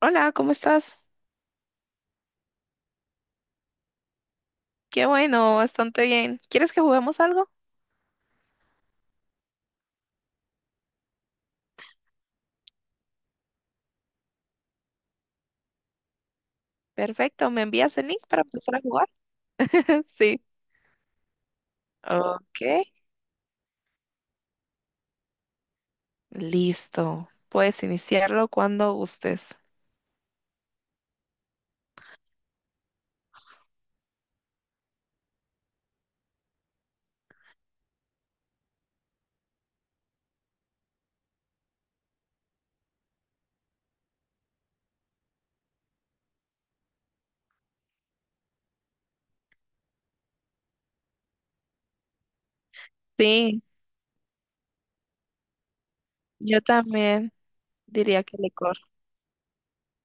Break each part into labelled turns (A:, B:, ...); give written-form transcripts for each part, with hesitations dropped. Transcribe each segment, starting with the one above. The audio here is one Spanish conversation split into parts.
A: Hola, ¿cómo estás? Qué bueno, bastante bien. ¿Quieres que juguemos algo? Perfecto, ¿me envías el link para empezar a jugar? Sí. Ok, listo. Puedes iniciarlo cuando gustes. Sí, yo también diría que licor.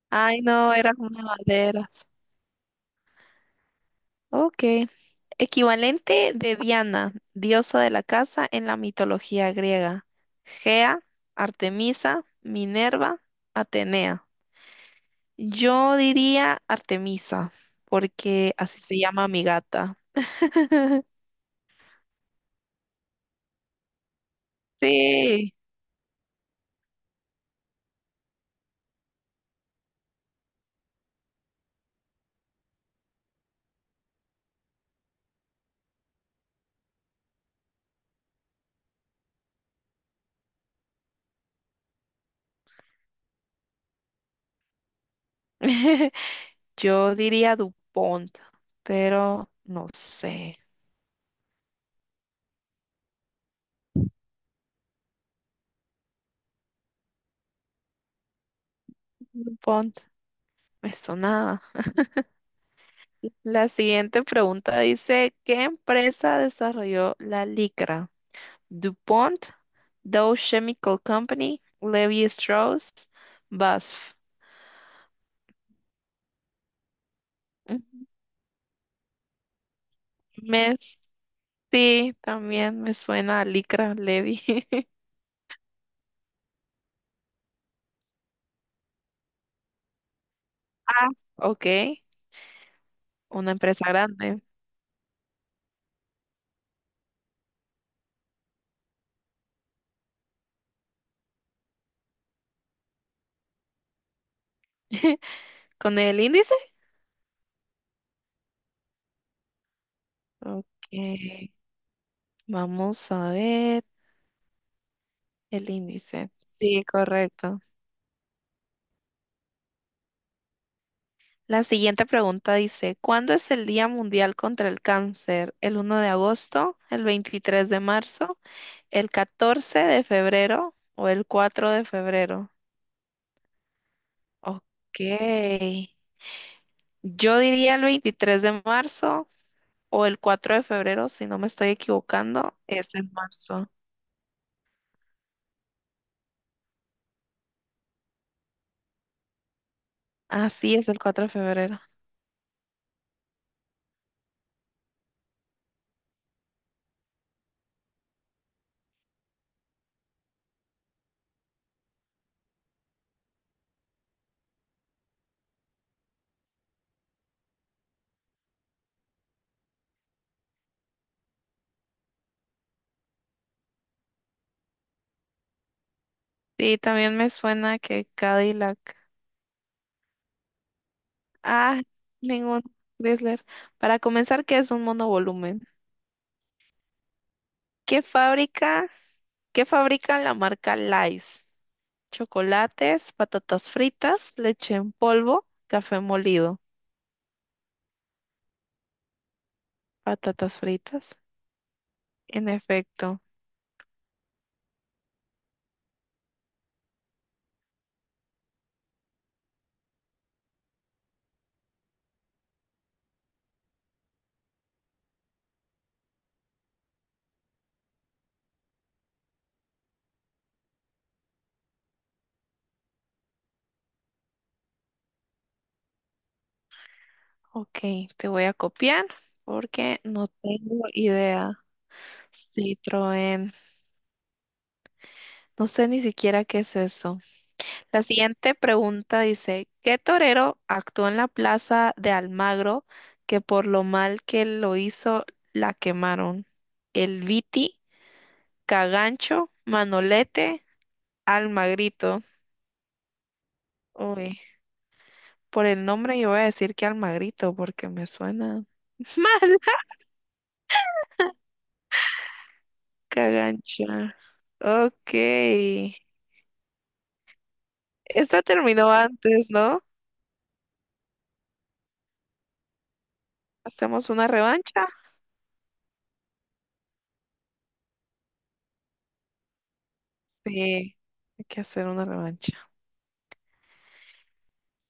A: Ay, no, eran una banderas. Ok. Equivalente de Diana, diosa de la casa en la mitología griega. Gea, Artemisa, Minerva, Atenea. Yo diría Artemisa, porque así se llama mi gata. Sí. Yo diría DuPont, pero no sé. DuPont, me sonaba. La siguiente pregunta dice, ¿qué empresa desarrolló la licra? DuPont, Dow Chemical Company, Levi Strauss, BASF. Ujú. Me, sí, también me suena a licra, Levi. Ah, ok. Una empresa grande. ¿Con el índice? Ok, vamos a ver el índice. Sí, correcto. La siguiente pregunta dice, ¿cuándo es el Día Mundial contra el Cáncer? ¿El 1 de agosto, el 23 de marzo, el 14 de febrero o el 4 de febrero? Ok, yo diría el 23 de marzo o el 4 de febrero, si no me estoy equivocando, es en marzo. Así es el 4 de febrero. Y también me suena que Cadillac. Ah, ningún Chrysler. Para comenzar, ¿qué es un monovolumen? ¿Qué fábrica? ¿Qué fabrica la marca Lays? Chocolates, patatas fritas, leche en polvo, café molido. Patatas fritas. En efecto. Ok, te voy a copiar porque no tengo idea. Citroën. No sé ni siquiera qué es eso. La siguiente pregunta dice, ¿qué torero actuó en la plaza de Almagro que por lo mal que lo hizo la quemaron? El Viti, Cagancho, Manolete, Almagrito. Uy, por el nombre yo voy a decir que Almagrito porque me suena mal. Cagancha. Ok. Esta terminó antes, ¿no? ¿Hacemos una revancha? Sí, hay que hacer una revancha.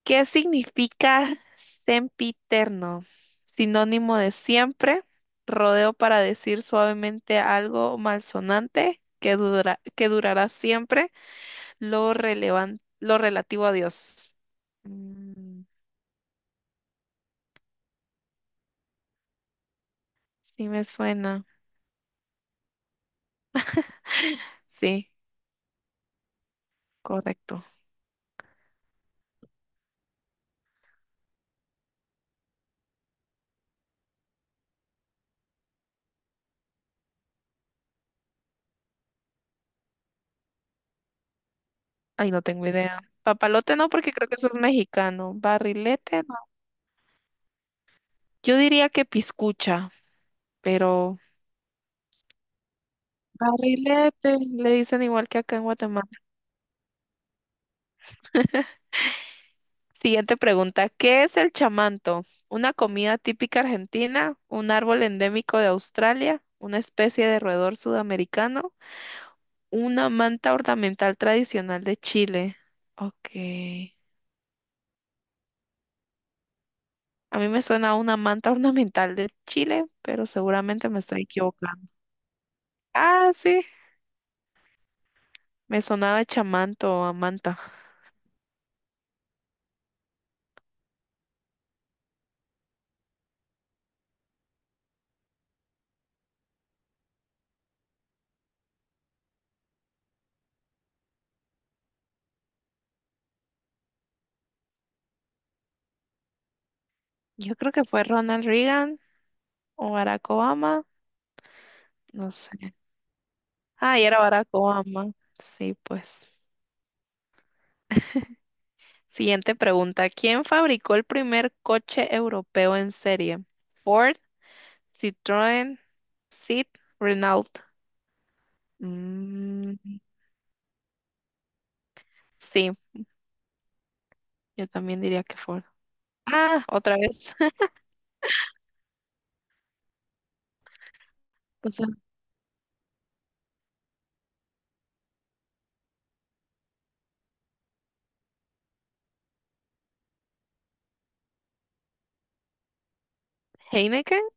A: ¿Qué significa sempiterno? Sinónimo de siempre, rodeo para decir suavemente algo malsonante que durará siempre, lo relativo a Dios. Mm, sí me suena. Sí, correcto. Ay, no tengo idea. Papalote no, porque creo que eso es mexicano. Barrilete no. Yo diría que piscucha, pero barrilete le dicen igual que acá en Guatemala. Siguiente pregunta. ¿Qué es el chamanto? ¿Una comida típica argentina? ¿Un árbol endémico de Australia? ¿Una especie de roedor sudamericano? ¿Una manta ornamental tradicional de Chile? Ok. A mí me suena a una manta ornamental de Chile, pero seguramente me estoy equivocando. Ah, sí. Me sonaba chamanto o a manta. Yo creo que fue Ronald Reagan o Barack Obama. No sé. Ah, y era Barack Obama. Sí, pues. Siguiente pregunta. ¿Quién fabricó el primer coche europeo en serie? Ford, Citroën, Seat, Renault. Mm, sí, yo también diría que Ford. Ah, otra vez. O sea, Heineken.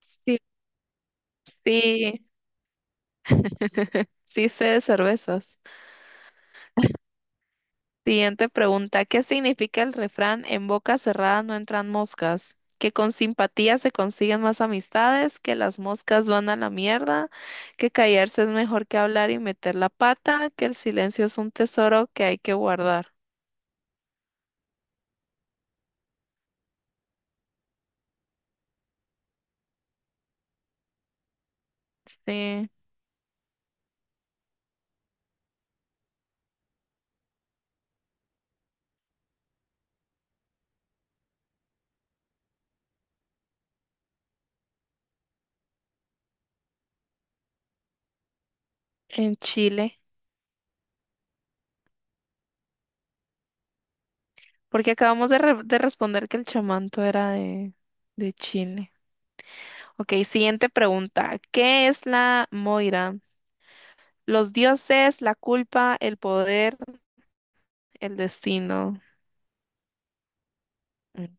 A: Sí, sí, sí sé de cervezas. Siguiente pregunta. ¿Qué significa el refrán en boca cerrada no entran moscas? Que con simpatía se consiguen más amistades, que las moscas van a la mierda, que callarse es mejor que hablar y meter la pata, que el silencio es un tesoro que hay que guardar. Sí, en Chile. Porque acabamos de responder que el chamanto era de Chile. Ok, siguiente pregunta. ¿Qué es la Moira? Los dioses, la culpa, el poder, el destino. Mm.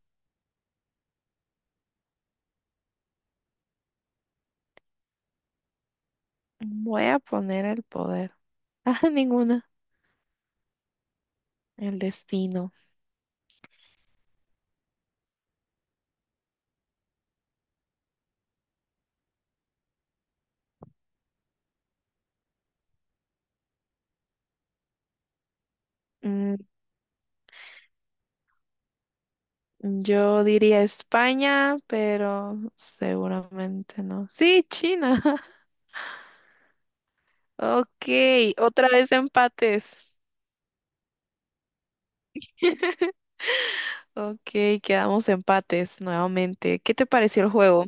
A: Voy a poner el poder. Ah, ninguna. El destino. Mm, yo diría España, pero seguramente no. Sí, China. Ok, otra vez empates. Ok, quedamos empates nuevamente. ¿Qué te pareció el juego?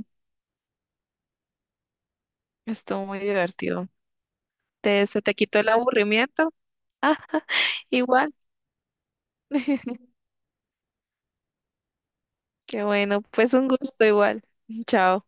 A: Estuvo muy divertido. ¿ se te quitó el aburrimiento? Ah, igual. Qué bueno, pues un gusto igual. Chao.